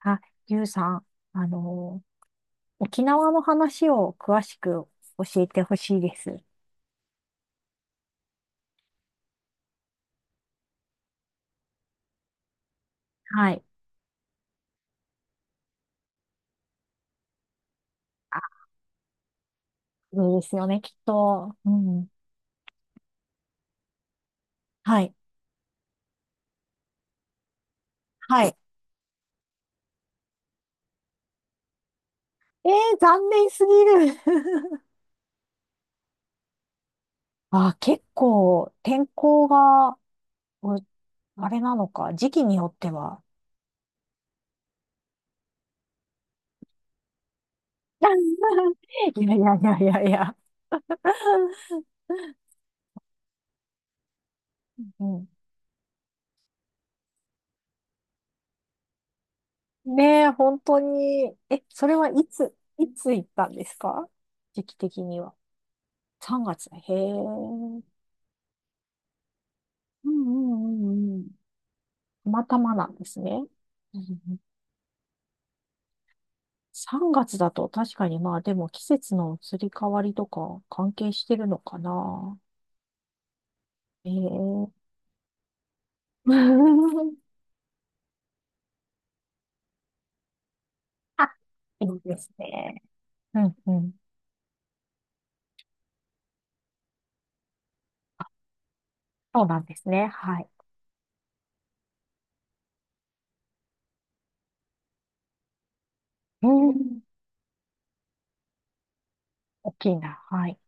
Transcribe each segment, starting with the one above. あ、ゆうさん、あの、沖縄の話を詳しく教えてほしいです。はい。そうですよね、きっと。うん。はい。はい。残念すぎる。あ、結構、天候が、うあれなのか、時期によっては。いやいやいやいやいや。うん。ねえ、本当に。え、それはいつ行ったんですか？時期的には。3月。へえ。うんうんうんうん。たまたまなんですね。うんうん。3月だと確かにまあでも季節の移り変わりとか関係してるのかな。ええ。 あ、いいですね。うんうん。そうなんですね。はい。うん。大きいな。はい。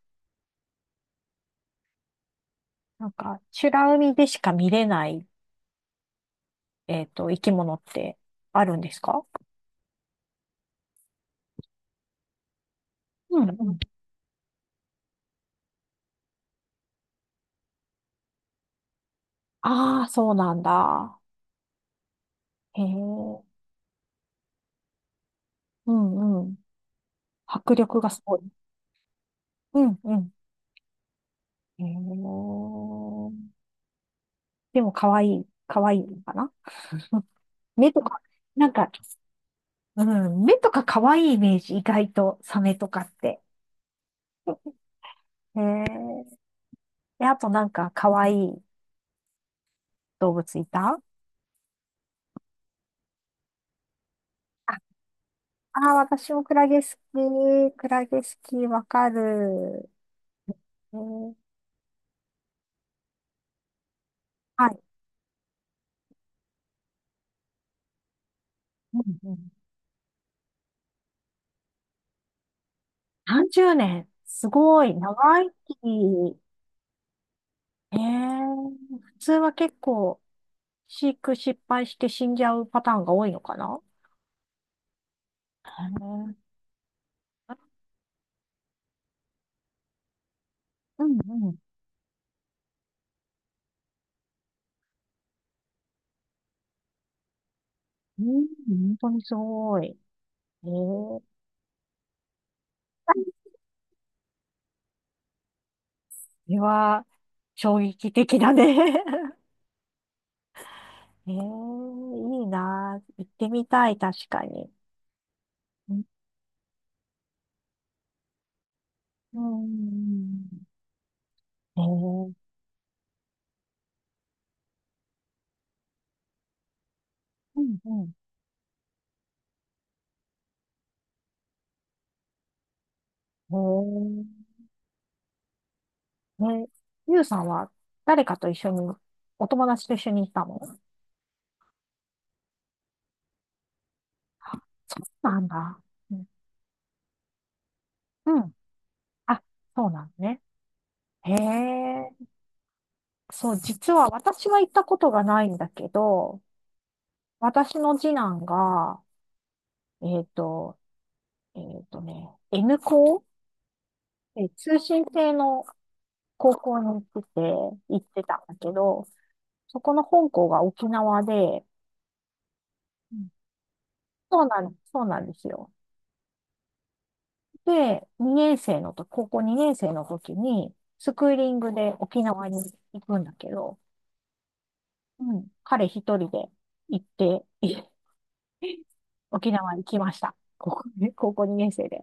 なんか、美ら海でしか見れない、生き物ってあるんですか？うんうん。ああ、そうなんだ。へえ。うんうん。迫力がすごい。うんうん。えー、でも可愛い、可愛いのかな？目とか、なんか、うん、目とか可愛いイメージ、意外とサメとかって。えー、で、あとなんか可愛い動物いた？あ、あー、私もクラゲ好き。クラゲ好き、わかる。えー、はい。うんうん、30年。すごい、長生き。えー、普通は結構、飼育失敗して死んじゃうパターンが多いのかな？えうんうん。うん、本当にすごい。それは衝撃的だね。 いいな。行ってみたい、確かに。うん。えんうんうん。えええゆうさんは誰かと一緒に、お友達と一緒に行ったの？そうなんだ。うん。うん、あ、そうなんね。へえ。そう、実は私は行ったことがないんだけど、私の次男が、えっと、N 校、通信制の高校に行ってて、行ってたんだけど、そこの本校が沖縄で、うん、そうなんですよ。で、2年生のと、高校2年生の時に、スクーリングで沖縄に行くんだけど、うん、彼一人で行って、沖縄に来ました。高校ね、高校2年生で。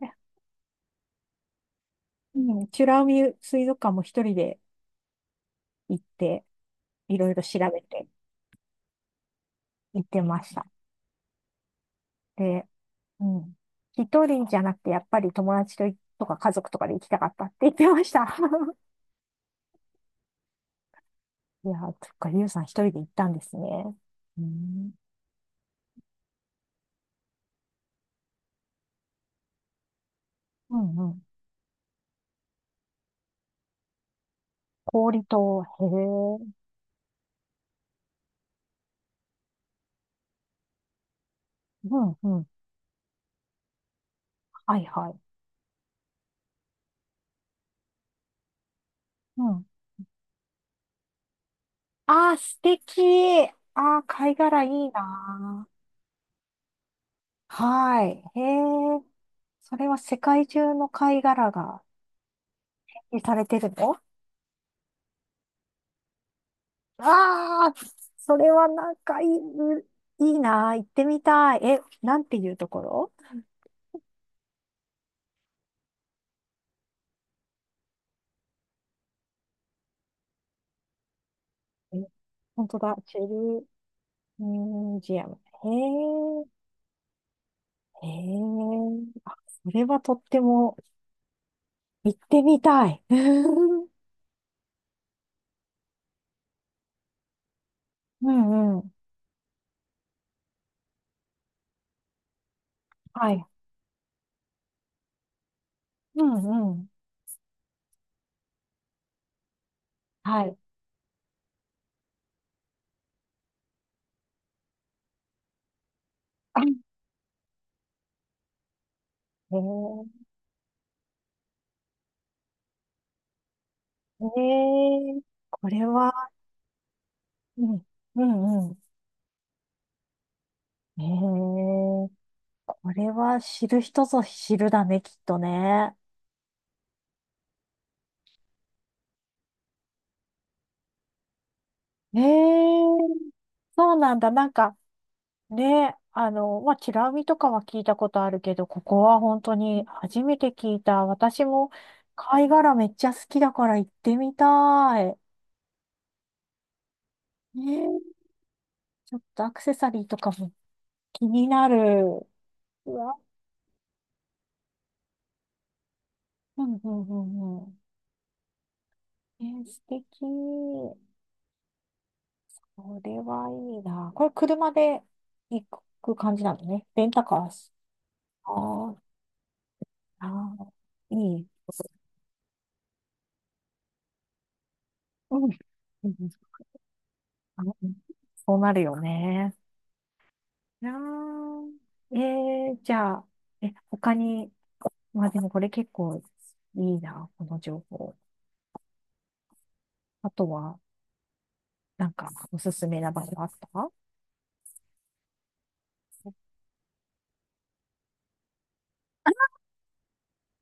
うん、美ら海水族館も一人で行って、いろいろ調べて。行ってました。で、うん。一人じゃなくて、やっぱり友達ととか家族とかで行きたかったって言ってました。いやー、そっか、ゆうさん一人で行ったんですね。うん。うんうん。氷と、へえ。うんうん。はいはい。うん。ああ、素敵。ああ、貝殻いいなー。はい。へえ。それは世界中の貝殻が展示されてるの？ああ、それはなんかいいなあ、行ってみたい。え、なんていうところ？え、本当だ、チェルミュージアム。へえ、へえ、あ、それはとっても行ってみたい。うんうん。はい。うんうん。はい。あ、へえ、へえ、これは、うん、うんうん。へえ、これは知る人ぞ知るだね、きっとね。ええ、そうなんだ。なんかね、まあ、チラ見とかは聞いたことあるけど、ここは本当に初めて聞いた。私も貝殻めっちゃ好きだから行ってみたい。ねえ、ちょっとアクセサリーとかも気になる。うわ、うんうんうんうん。え、素敵。これはいいな。これ車で行く感じなのね。レンタカーし。ああああ、いい。うん。うんうん、そうなるよね。なあ。えじゃあ、他に、まあでもこれ結構いいな、この情報。あとは、なんか、おすすめな場所あった？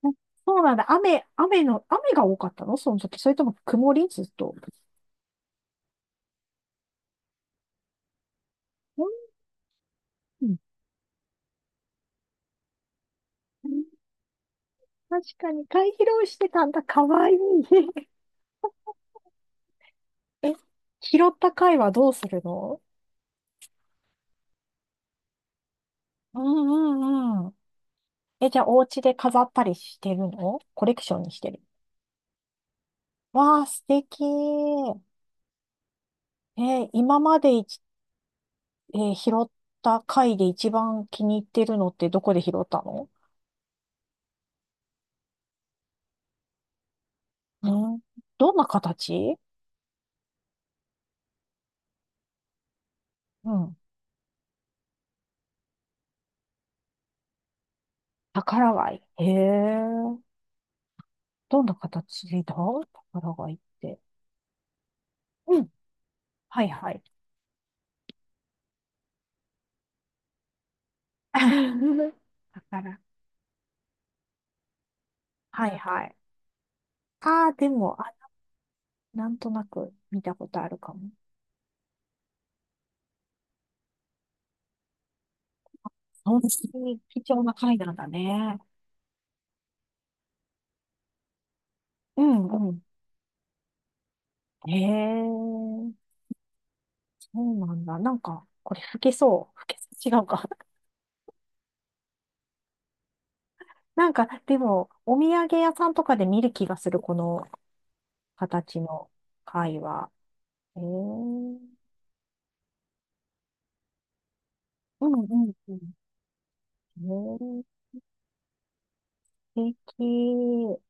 うん、そうなんだ。雨が多かったの、その時？それとも曇りずっと？うん。確かに、貝拾いしてたんだ。かわいい。え、拾った貝はどうするの？うんうんうん。え、じゃあ、お家で飾ったりしてるの？コレクションにしてる？わあ、素敵。今までいち、えー拾った貝で一番気に入ってるのってどこで拾ったの？うん、どんな形？うん。宝貝。へえ。どんな形だ、宝貝って？うん。はいはい。宝。はいはい。ああ、でも、あ、なんとなく見たことあるかも。本当に貴重な貝なんだね。うんうん。へえ。そうなんだ。なんか、これ吹けそう。吹けそう。違うか。なんか、でも、お土産屋さんとかで見る気がする、この形の貝は。うんうんうん。えー、素敵。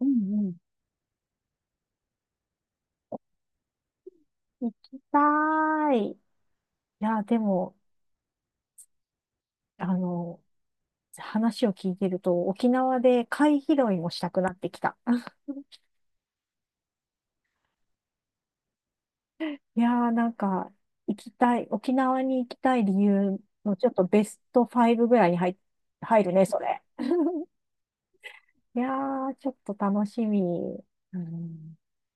うんうん。行きたい。いや、でも、あの、話を聞いてると、沖縄で貝拾いもしたくなってきた。いやー、なんか、行きたい、沖縄に行きたい理由のちょっとベスト5ぐらいに入るね、それ。いやー、ちょっと楽しみ。うん。